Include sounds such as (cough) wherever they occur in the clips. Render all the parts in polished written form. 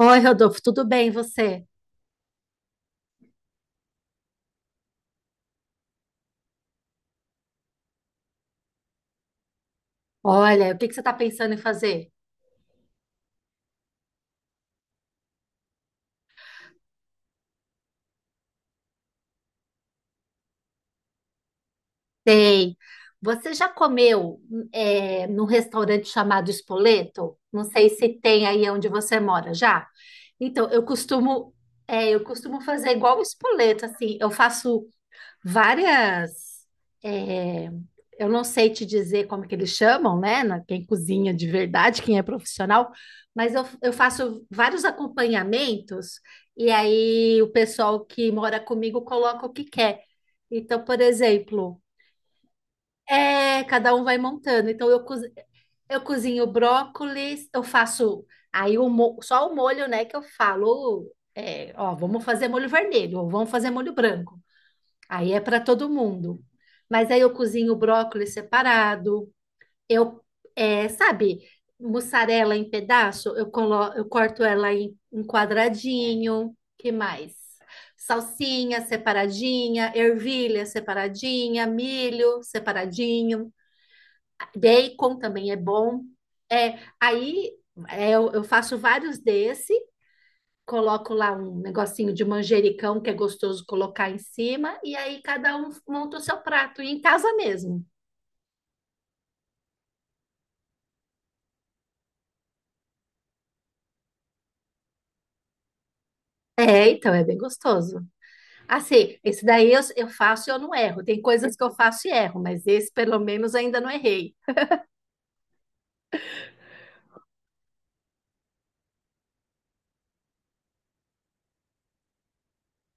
Oi, Rodolfo, tudo bem e você? Olha, o que que você está pensando em fazer? Sei. Você já comeu num restaurante chamado Spoleto? Não sei se tem aí onde você mora já. Então, eu costumo, eu costumo fazer igual o Spoleto, assim. Eu faço várias. é, eu não sei te dizer como que eles chamam, né? Quem cozinha de verdade, quem é profissional, mas eu faço vários acompanhamentos, e aí o pessoal que mora comigo coloca o que quer. Então, por exemplo, é, cada um vai montando. Eu cozinho brócolis, eu faço aí só o molho, né? Que eu falo, é, ó, vamos fazer molho vermelho, ou vamos fazer molho branco. Aí é para todo mundo. Mas aí eu cozinho o brócolis separado. Eu, é, sabe, mussarela em pedaço, eu corto ela em, em quadradinho. Que mais? Salsinha separadinha, ervilha separadinha, milho separadinho, bacon também é bom. É, aí é, eu faço vários desse, coloco lá um negocinho de manjericão que é gostoso colocar em cima, e aí cada um monta o seu prato, e em casa mesmo. É, então é bem gostoso. Assim, esse daí eu faço e eu não erro. Tem coisas que eu faço e erro, mas esse pelo menos ainda não errei.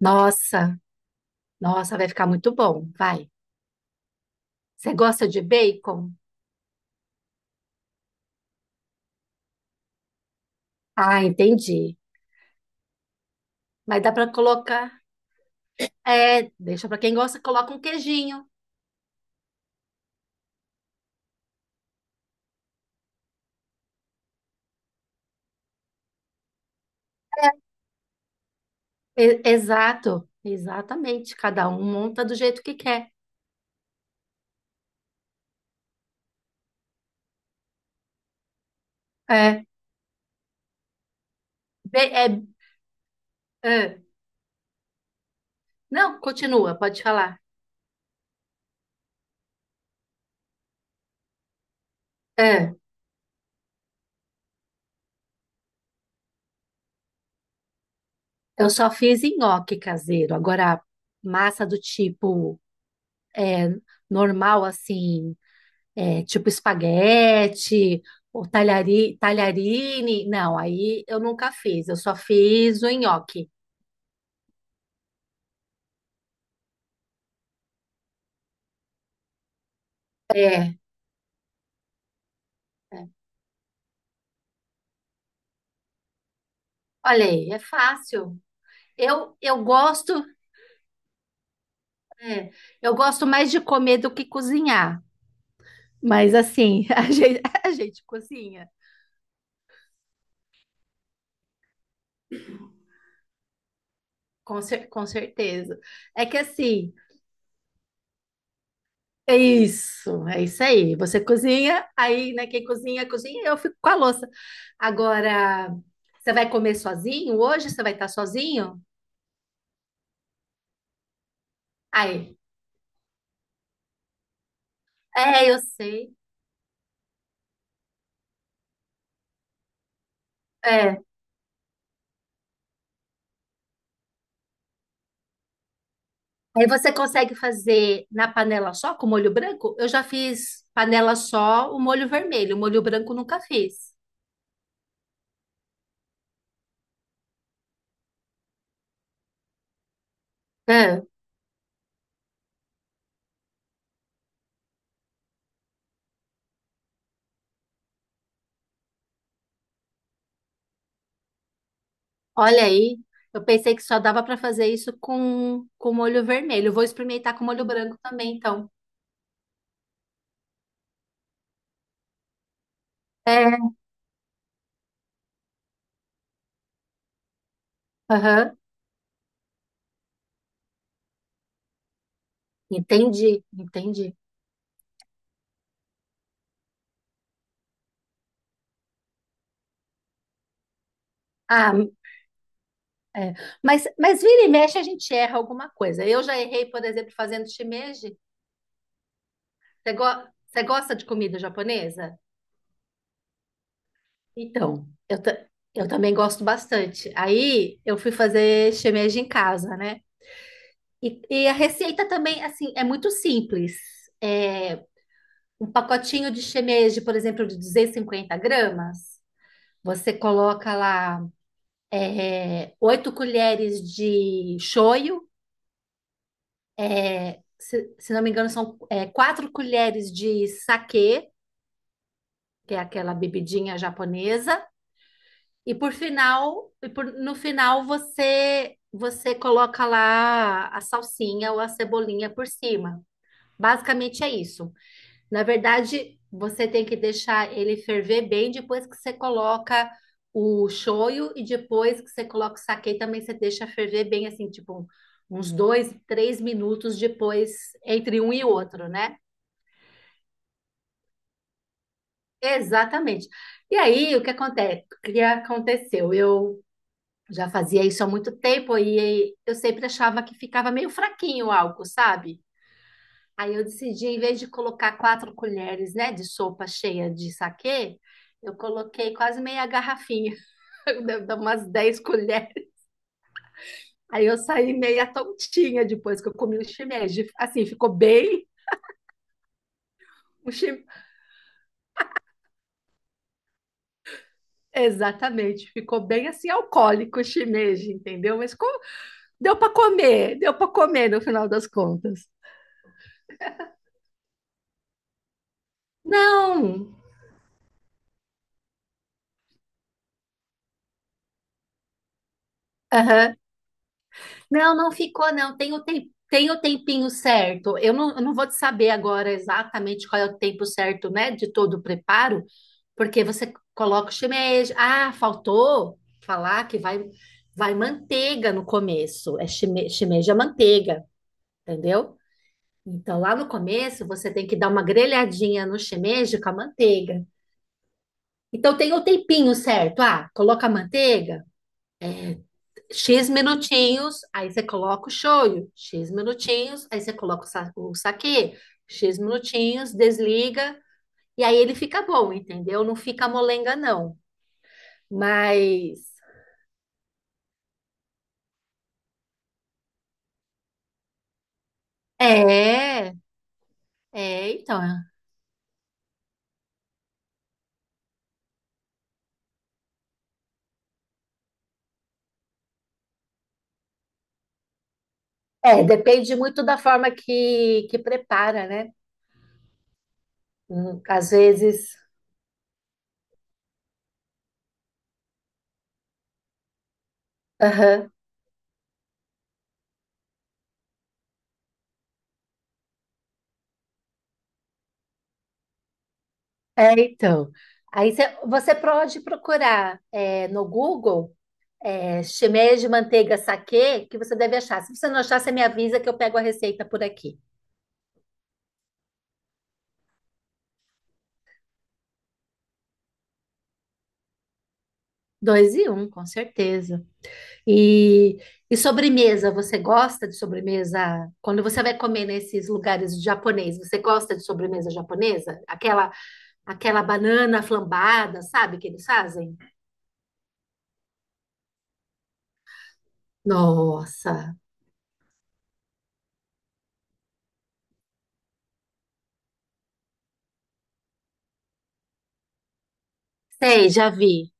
Nossa, nossa, vai ficar muito bom, vai. Você gosta de bacon? Ah, entendi. Mas dá para colocar. É, deixa para quem gosta, coloca um queijinho. Exato, exatamente. Cada um monta do jeito que quer. É. É, é. Não, continua, pode falar. É, eu só fiz nhoque caseiro. Agora, massa do tipo normal, assim, é, tipo espaguete, ou talhari, talharine. Não, aí eu nunca fiz, eu só fiz o nhoque. É. Olha aí, é fácil. Eu gosto, é, eu gosto mais de comer do que cozinhar. Mas assim, (laughs) a gente cozinha, com certeza. É que assim. É isso aí. Você cozinha, aí, né, quem cozinha, cozinha, eu fico com a louça. Agora, você vai comer sozinho? Hoje você vai estar sozinho? Aí, é, eu sei. É. Aí você consegue fazer na panela só com molho branco? Eu já fiz panela só o molho vermelho, o molho branco nunca fiz. É, olha aí, eu pensei que só dava para fazer isso com molho vermelho. Eu vou experimentar com molho branco também, então. É, aham, entendi, entendi. Ah, é. Mas vira e mexe a gente erra alguma coisa. Eu já errei, por exemplo, fazendo shimeji. Você, você gosta de comida japonesa? Então, eu, ta- eu também gosto bastante. Aí eu fui fazer shimeji em casa, né? E a receita também, assim, é muito simples. É, um pacotinho de shimeji, por exemplo, de 250 gramas, você coloca lá é, 8 colheres de shoyu. É, se não me engano, são é, 4 colheres de saquê, que é aquela bebidinha japonesa, e por final, e por- no final você você coloca lá a salsinha ou a cebolinha por cima. Basicamente é isso. Na verdade, você tem que deixar ele ferver bem depois que você coloca o shoyu, e depois que você coloca o saquê também você deixa ferver bem assim, tipo uns 2, 3 minutos depois, entre um e outro, né? Exatamente. E aí, o que aconteceu? Eu já fazia isso há muito tempo e eu sempre achava que ficava meio fraquinho o álcool, sabe? Aí eu decidi, em vez de colocar 4 colheres, né, de sopa cheia de saquê, eu coloquei quase meia garrafinha, (laughs) deve dar umas 10 colheres. Aí eu saí meia tontinha depois que eu comi o shimeji. Assim, ficou bem... o shi- Exatamente, ficou bem assim alcoólico o shimeji, entendeu? Mas com. Deu para comer no final das contas. Não, aham, não, não ficou, não. Tem o, tem, tem o tempinho certo. Eu não vou te saber agora exatamente qual é o tempo certo, né, de todo o preparo, porque você coloca o shimeji. Ah, faltou falar que vai manteiga no começo. É shimeji é manteiga, entendeu? Então, lá no começo, você tem que dar uma grelhadinha no shimeji com a manteiga. Então, tem o tempinho certo. Ah, coloca a manteiga. X minutinhos, aí você coloca o shoyu. X minutinhos, aí você coloca o saquê. X minutinhos, desliga. E aí ele fica bom, entendeu? Não fica molenga, não. Mas. É, é, então. É, depende muito da forma que prepara, né? Às vezes. Aham. É, então. Aí você, você pode procurar é, no Google. É, shimeia de manteiga saquê que você deve achar. Se você não achar, você me avisa que eu pego a receita por aqui. Dois e um, com certeza. E, e sobremesa, você gosta de sobremesa? Quando você vai comer nesses lugares japonês, você gosta de sobremesa japonesa? Aquela, aquela banana flambada, sabe, que eles fazem? Nossa, sei, já vi.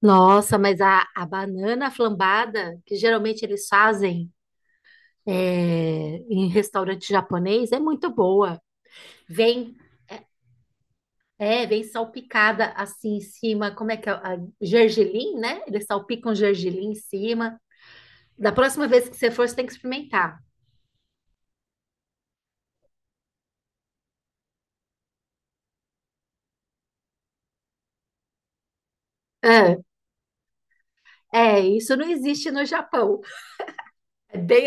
Nossa, mas a banana flambada, que geralmente eles fazem é, em restaurante japonês, é muito boa. Vem é, é, vem salpicada assim em cima, como é que é? A gergelim, né? Eles salpicam gergelim em cima. Da próxima vez que você for, você tem que experimentar. É, é, isso não existe no Japão. É, bem,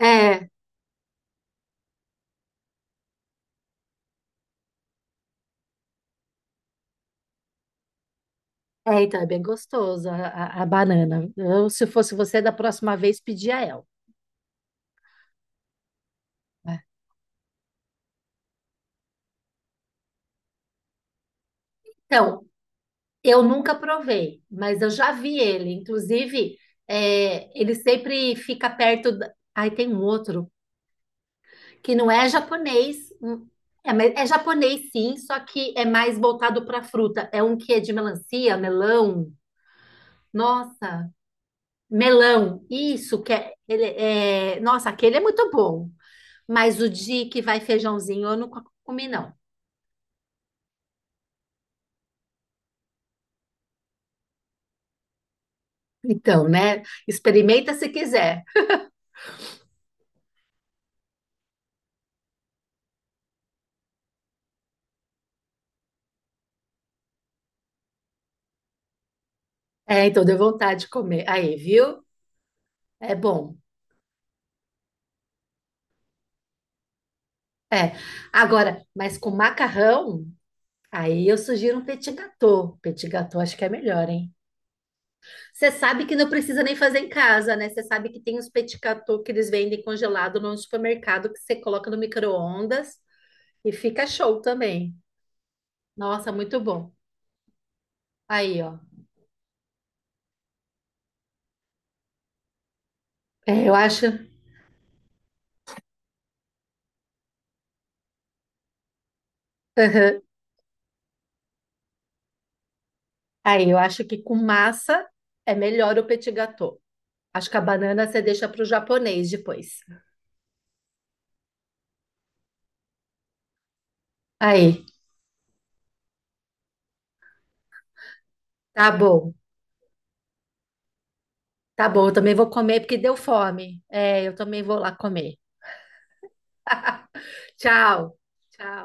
é, é, então é bem gostoso a, a banana. Eu, se fosse você, da próxima vez, pedia ela. Né? Então, eu nunca provei, mas eu já vi ele. Inclusive, é, ele sempre fica perto. Ai, tem um outro. Que não é japonês. Hum, é, mas é japonês, sim, só que é mais voltado para fruta. É um que é de melancia, melão. Nossa, melão. Isso que é, ele é... Nossa, aquele é muito bom. Mas o de que vai feijãozinho, eu não comi, não. Então, né? Experimenta se quiser. É, então deu vontade de comer. Aí, viu? É bom. É. Agora, mas com macarrão, aí eu sugiro um petit gâteau. Petit gâteau acho que é melhor, hein? Você sabe que não precisa nem fazer em casa, né? Você sabe que tem os petit gâteaux que eles vendem congelado no supermercado que você coloca no micro-ondas e fica show também. Nossa, muito bom. Aí, ó. É, eu acho. Aham. Aí, eu acho que com massa é melhor o petit gâteau. Acho que a banana você deixa para o japonês depois. Aí, tá bom. Tá bom, eu também vou comer porque deu fome. É, eu também vou lá comer. (laughs) Tchau. Tchau.